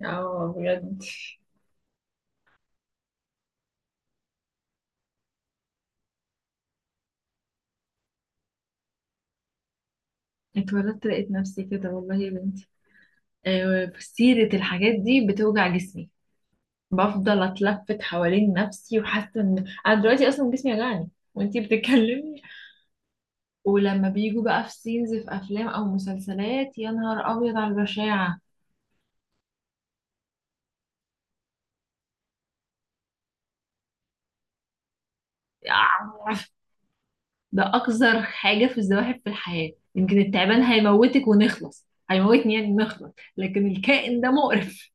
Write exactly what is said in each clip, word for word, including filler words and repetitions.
اه، بجد. اتولدت لقيت نفسي كده والله يا بنتي. آه، سيرة الحاجات دي بتوجع جسمي، بفضل اتلفت حوالين نفسي وحاسه ان انا دلوقتي اصلا جسمي وجعني، وانتي بتتكلمي. ولما بيجوا بقى في سينز في افلام او مسلسلات، يا نهار ابيض على البشاعه. آه، ده اقذر حاجه في الزواحف في الحياه. يمكن التعبان هيموتك ونخلص، هيموتني يعني نخلص، لكن الكائن ده مقرف.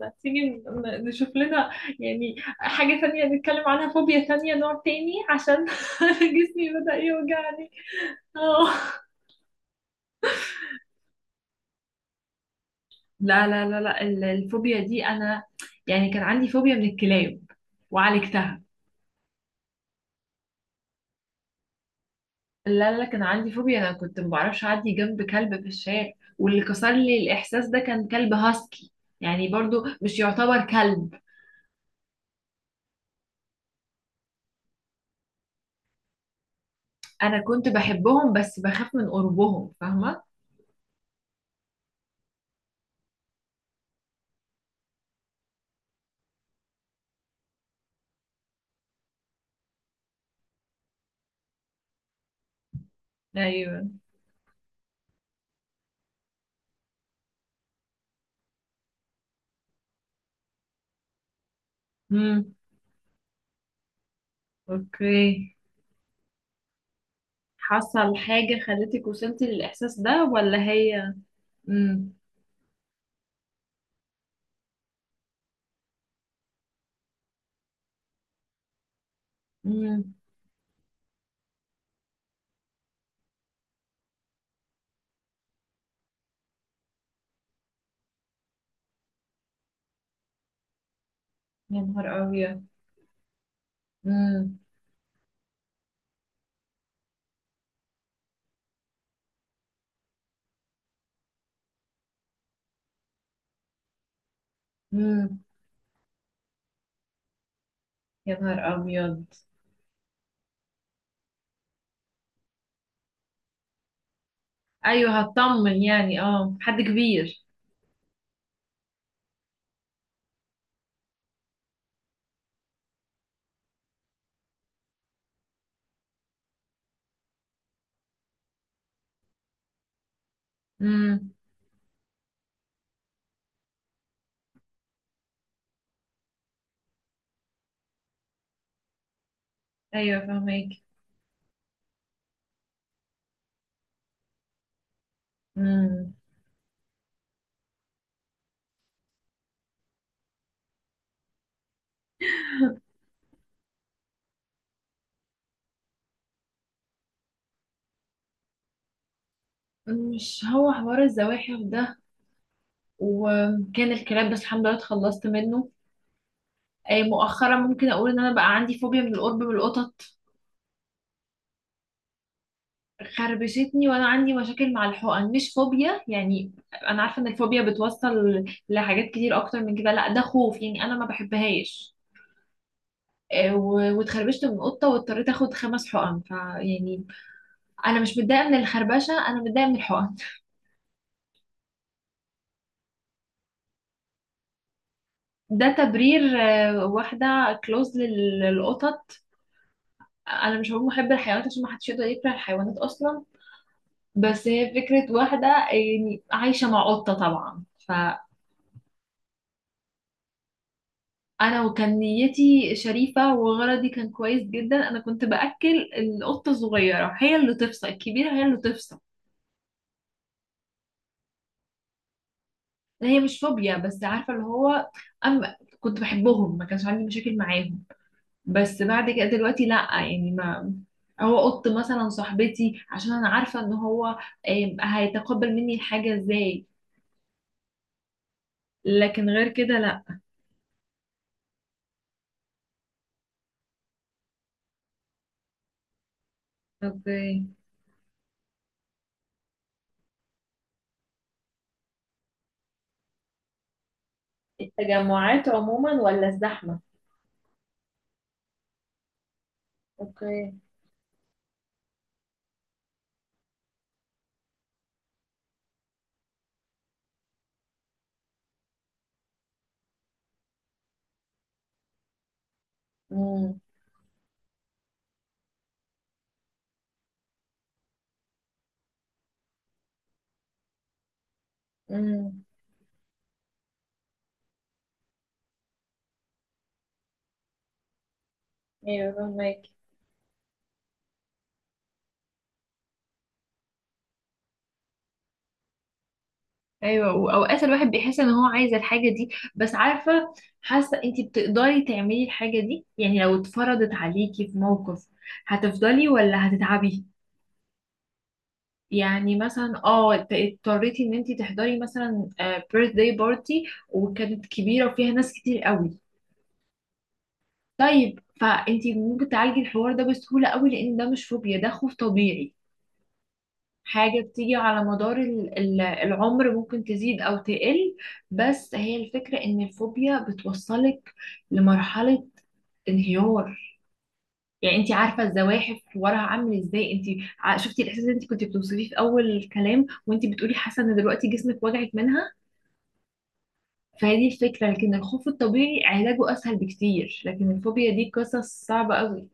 ما تيجي ن- نشوف لنا يعني حاجة تانية نتكلم عنها، فوبيا تانية، نوع تاني، عشان جسمي بدأ يوجعني. اه. لا لا لا لا، ال- الفوبيا دي انا يعني كان عندي فوبيا من الكلاب وعالجتها. لا لا لا، كان عندي فوبيا، انا كنت ما بعرفش اعدي جنب كلب في الشارع، واللي كسر لي الاحساس ده كان كلب هاسكي، يعني برضو مش يعتبر كلب. انا كنت بحبهم بس بخاف من قربهم، فاهمة؟ ايوه. امم. اوكي. حصل حاجة خلتك وصلتي للإحساس ده ولا هي؟ مم. مم. يا نهار أبيض. مم. مم. يا نهار أبيض. أيوه، هطمن يعني، اه، حد كبير. مم. أيوه، فهمك. مم. مش هو حوار الزواحف ده وكان الكلاب، بس الحمد لله اتخلصت منه. آه، مؤخرا ممكن أقول إن أنا بقى عندي فوبيا من القرب من القطط. خربشتني وانا عندي مشاكل مع الحقن، مش فوبيا يعني، انا عارفه ان الفوبيا بتوصل لحاجات كتير اكتر من كده، لا ده خوف يعني، انا ما بحبهاش. آه، و- واتخربشت من قطه واضطريت اخد خمس حقن، فيعني انا مش متضايقه من الخربشه، انا متضايقه من الحقن ده تبرير، آه، واحده كلوز للقطط. انا مش هقول محب الحيوانات عشان ما حدش يقدر يكره الحيوانات اصلا، بس هي فكره، واحده يعني عايشه مع قطه طبعا. انا وكان نيتي شريفة وغرضي كان كويس جدا، انا كنت باكل القطة الصغيرة، هي اللي تفصل الكبيرة، هي اللي تفصل. هي مش فوبيا بس، عارفة اللي هو، أما كنت بحبهم ما كانش عندي مشاكل معاهم، بس بعد كده دلوقتي لا، يعني ما، هو قط مثلا صاحبتي عشان انا عارفة ان هو آم، هيتقبل مني الحاجة ازاي، لكن غير كده لا. اوكي. التجمعات عموما ولا الزحمة؟ اوكي. امم. امم. ايوه فهمك. ايوه، واوقات الواحد بيحس ان هو عايز الحاجه دي بس، عارفه، حاسه انتي بتقدري تعملي الحاجه دي، يعني لو اتفرضت عليكي في موقف هتفضلي ولا هتتعبي؟ يعني مثلا اه ات- اضطريتي ان انتي تحضري مثلا بيرث داي بارتي وكانت كبيره وفيها ناس كتير قوي. طيب فانتي ممكن تعالجي الحوار ده بسهوله قوي لان ده مش فوبيا، ده خوف طبيعي، حاجة بتيجي على مدار ال- ال- العمر، ممكن تزيد أو تقل، بس هي الفكرة إن الفوبيا بتوصلك لمرحلة انهيار. يعني انت عارفة الزواحف وراها عامل ازاي انت، ع- شفتي الإحساس اللي انت كنت بتوصفيه في أول الكلام وانت بتقولي حاسة إن دلوقتي جسمك وجعك منها، فهي دي الفكرة. لكن الخوف الطبيعي علاجه أسهل بكتير، لكن الفوبيا دي قصص صعبة أوي.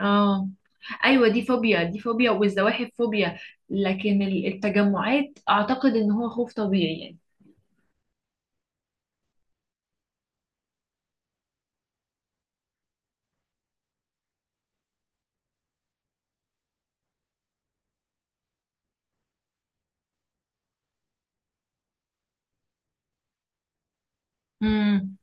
اه. ايوه دي فوبيا، دي فوبيا، والزواحف فوبيا، لكن ال- التجمعات اعتقد ان هو خوف طبيعي يعني. امم.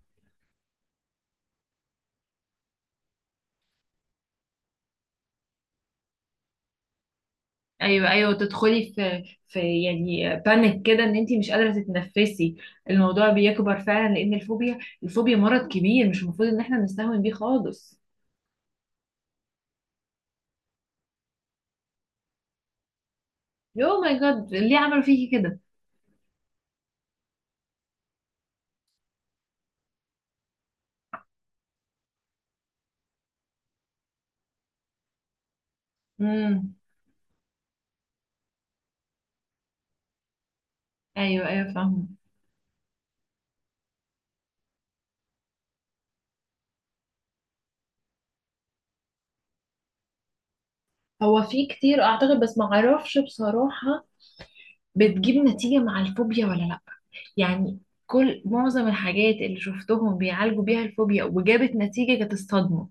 ايوه ايوه، تدخلي في في يعني بانيك كده، ان انت مش قادره تتنفسي. الموضوع بيكبر فعلا لان الفوبيا الفوبيا مرض كبير، مش المفروض ان احنا نستهون بيه خالص. يو ماي جاد، ليه عملوا فيكي كده؟ امم. ايوه ايوه فاهمه. هو في كتير اعتقد بس ما اعرفش بصراحه، بتجيب نتيجة مع الفوبيا ولا لأ؟ يعني كل معظم الحاجات اللي شفتهم بيعالجوا بيها الفوبيا وجابت نتيجة كانت الصدمة،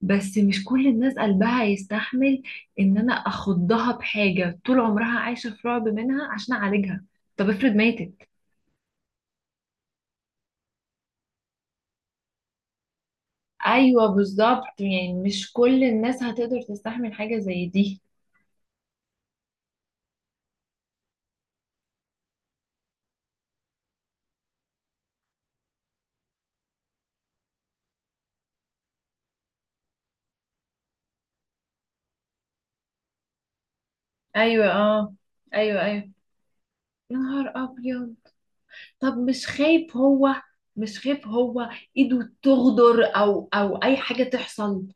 بس مش كل الناس قلبها يستحمل ان انا اخضها بحاجة طول عمرها عايشة في رعب منها عشان اعالجها، طب افرض ماتت؟ ايوه بالظبط، يعني مش كل الناس هتقدر تستحمل حاجة زي دي. ايوه. اه. ايوه ايوه. يا نهار ابيض. طب مش خايف هو، مش خايف هو ايده تغدر او او اي حاجة تحصل؟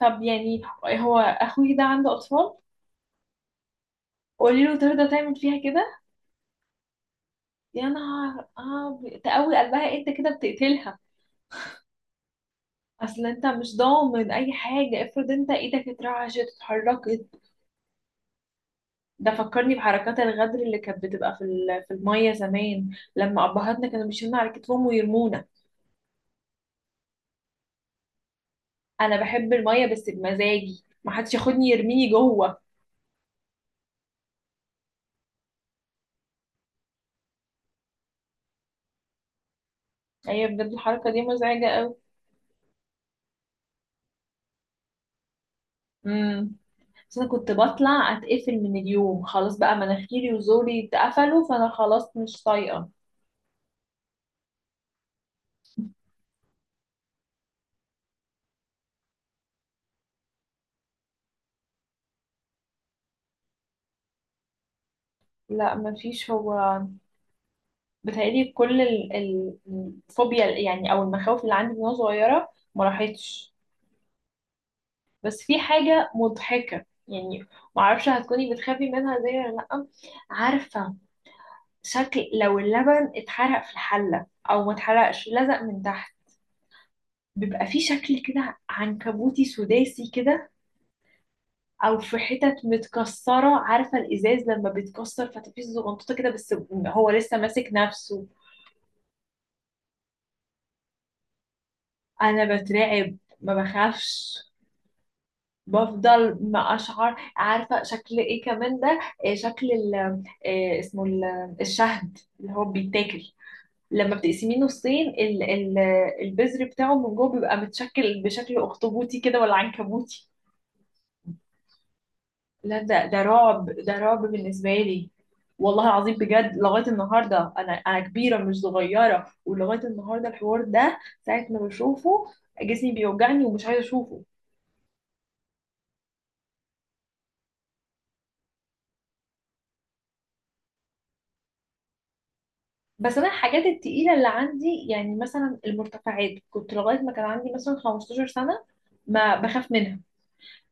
طب يعني هو اخوي ده عنده اطفال، قولي له ترضى تعمل فيها كده؟ يا نهار، اه تقوي قلبها؟ انت كده بتقتلها، اصل انت مش ضامن اي حاجه، افرض انت ايدك اترعشت اتحركت. ده فكرني بحركات الغدر اللي كانت بتبقى في ال- في الميه زمان، لما ابهاتنا كانوا بيشيلونا على كتفهم ويرمونا. انا بحب الميه بس بمزاجي، ما حدش ياخدني يرميني جوه. هي بجد الحركة دي مزعجة قوي. امم. بس انا كنت بطلع اتقفل من اليوم، خلاص بقى مناخيري وزوري اتقفلوا، فانا خلاص مش طايقة. لا مفيش، هو بتهيألي كل ال- ال- الفوبيا يعني او المخاوف اللي عندي من وانا صغيرة ما راحتش، بس في حاجة مضحكة يعني، معرفش هتكوني بتخافي منها زي ولا لأ. عارفة شكل لو اللبن اتحرق في الحلة او ما اتحرقش لزق من تحت، بيبقى في شكل كده عنكبوتي سداسي كده، او في حتت متكسره، عارفه الازاز لما بيتكسر فتفيش زغنطوطه كده، بس هو لسه ماسك نفسه. انا بترعب، ما بخافش. بفضل ما اشعر. عارفه شكل ايه كمان ده؟ إيه شكل ال، إيه اسمه، ال- الشهد اللي هو بيتاكل، لما بتقسميه نصين، ال- ال- البذر بتاعه من جوه، بيبقى متشكل بشكل اخطبوطي كده ولا عنكبوتي. لا ده ده رعب، ده رعب بالنسبة لي، والله العظيم بجد. لغاية النهاردة أنا أنا كبيرة مش صغيرة، ولغاية النهاردة الحوار ده ساعة ما بشوفه جسمي بيوجعني ومش عايزة أشوفه. بس أنا الحاجات التقيلة اللي عندي، يعني مثلا المرتفعات، كنت لغاية ما كان عندي مثلا 15 سنة ما بخاف منها،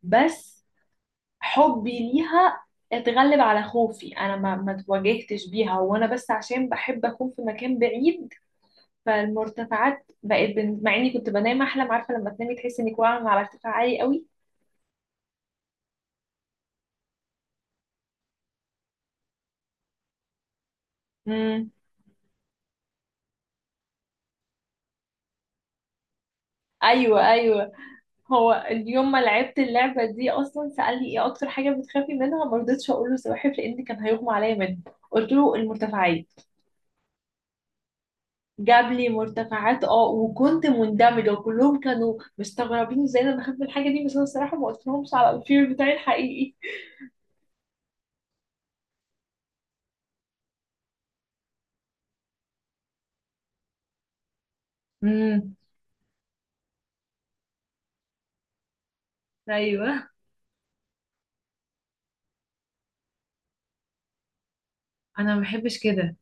بس حبي ليها اتغلب على خوفي، أنا ما ما تواجهتش بيها وأنا، بس عشان بحب أكون في مكان بعيد، فالمرتفعات بقت بن... مع اني كنت بنام احلم، عارفه لما تنامي تحسي انك واقعه على ارتفاع عالي قوي. امم. ايوه ايوه. هو اليوم ما لعبت اللعبه دي اصلا سالني ايه اكتر حاجه بتخافي منها، ما رضيتش اقول له السواحل لان كان هيغمى عليا منه، قلت له المرتفعات. جاب لي مرتفعات، اه، وكنت مندمجه وكلهم كانوا مستغربين ازاي انا بخاف من الحاجه دي، بس انا الصراحه ما قلت لهمش على الفير بتاعي الحقيقي. امم. ايوه. انا ما بحبش كده،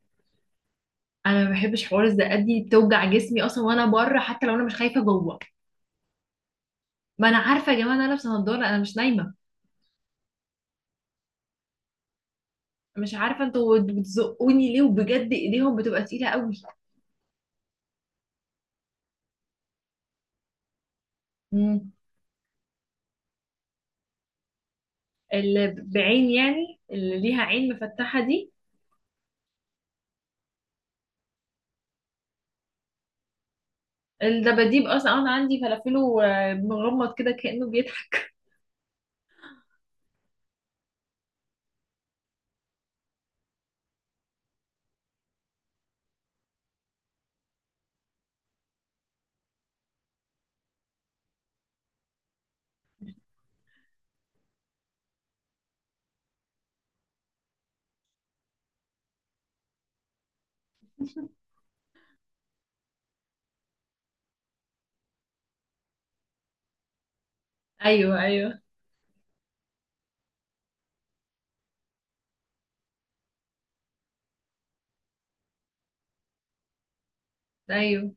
انا ما بحبش حوار الزقات دي، بتوجع جسمي اصلا وانا بره حتى لو انا مش خايفه جوه. ما انا عارفه يا جماعه ان انا لابسه نضاره، انا مش نايمه، مش عارفه انتوا بتزقوني ليه، وبجد ايديهم بتبقى تقيله قوي. مم. اللي بعين يعني، اللي ليها عين مفتحه دي. الدباديب اصلا انا عندي فلافله آه، مغمض كده كانه بيضحك. ايوه ايوه ايوه.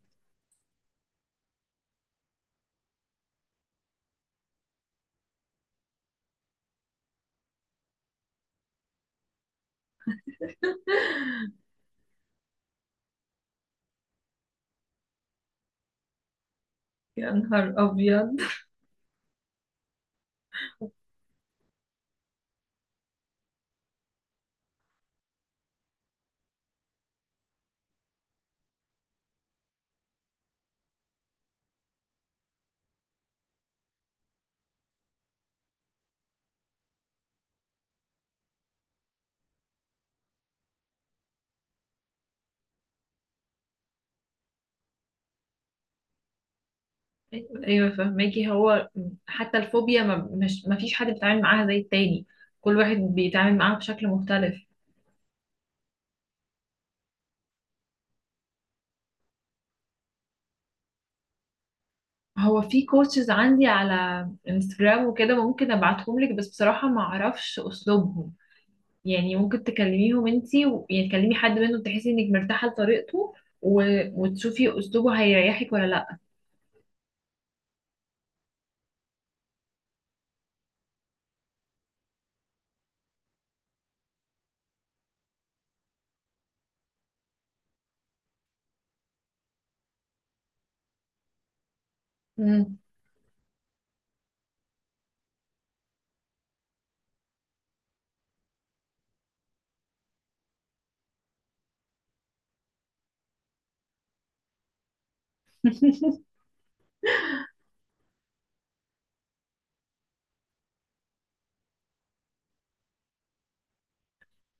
يا نهار ابيض. ايوه أيوة، فهماكي. هو حتى الفوبيا ما، مش ما فيش حد بيتعامل معاها زي التاني، كل واحد بيتعامل معاها بشكل مختلف. هو في كوتشز عندي على انستجرام وكده، ممكن ابعتهم لك، بس بصراحة ما اعرفش اسلوبهم، يعني ممكن تكلميهم انتي و... يعني تكلمي حد منهم تحسي انك مرتاحة لطريقته، و... وتشوفي اسلوبه هيريحك ولا لا. مم.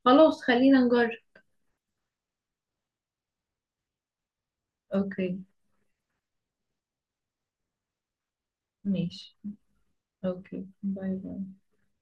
خلاص خلينا نجرب. اوكي. ماشي. اوكي، باي باي.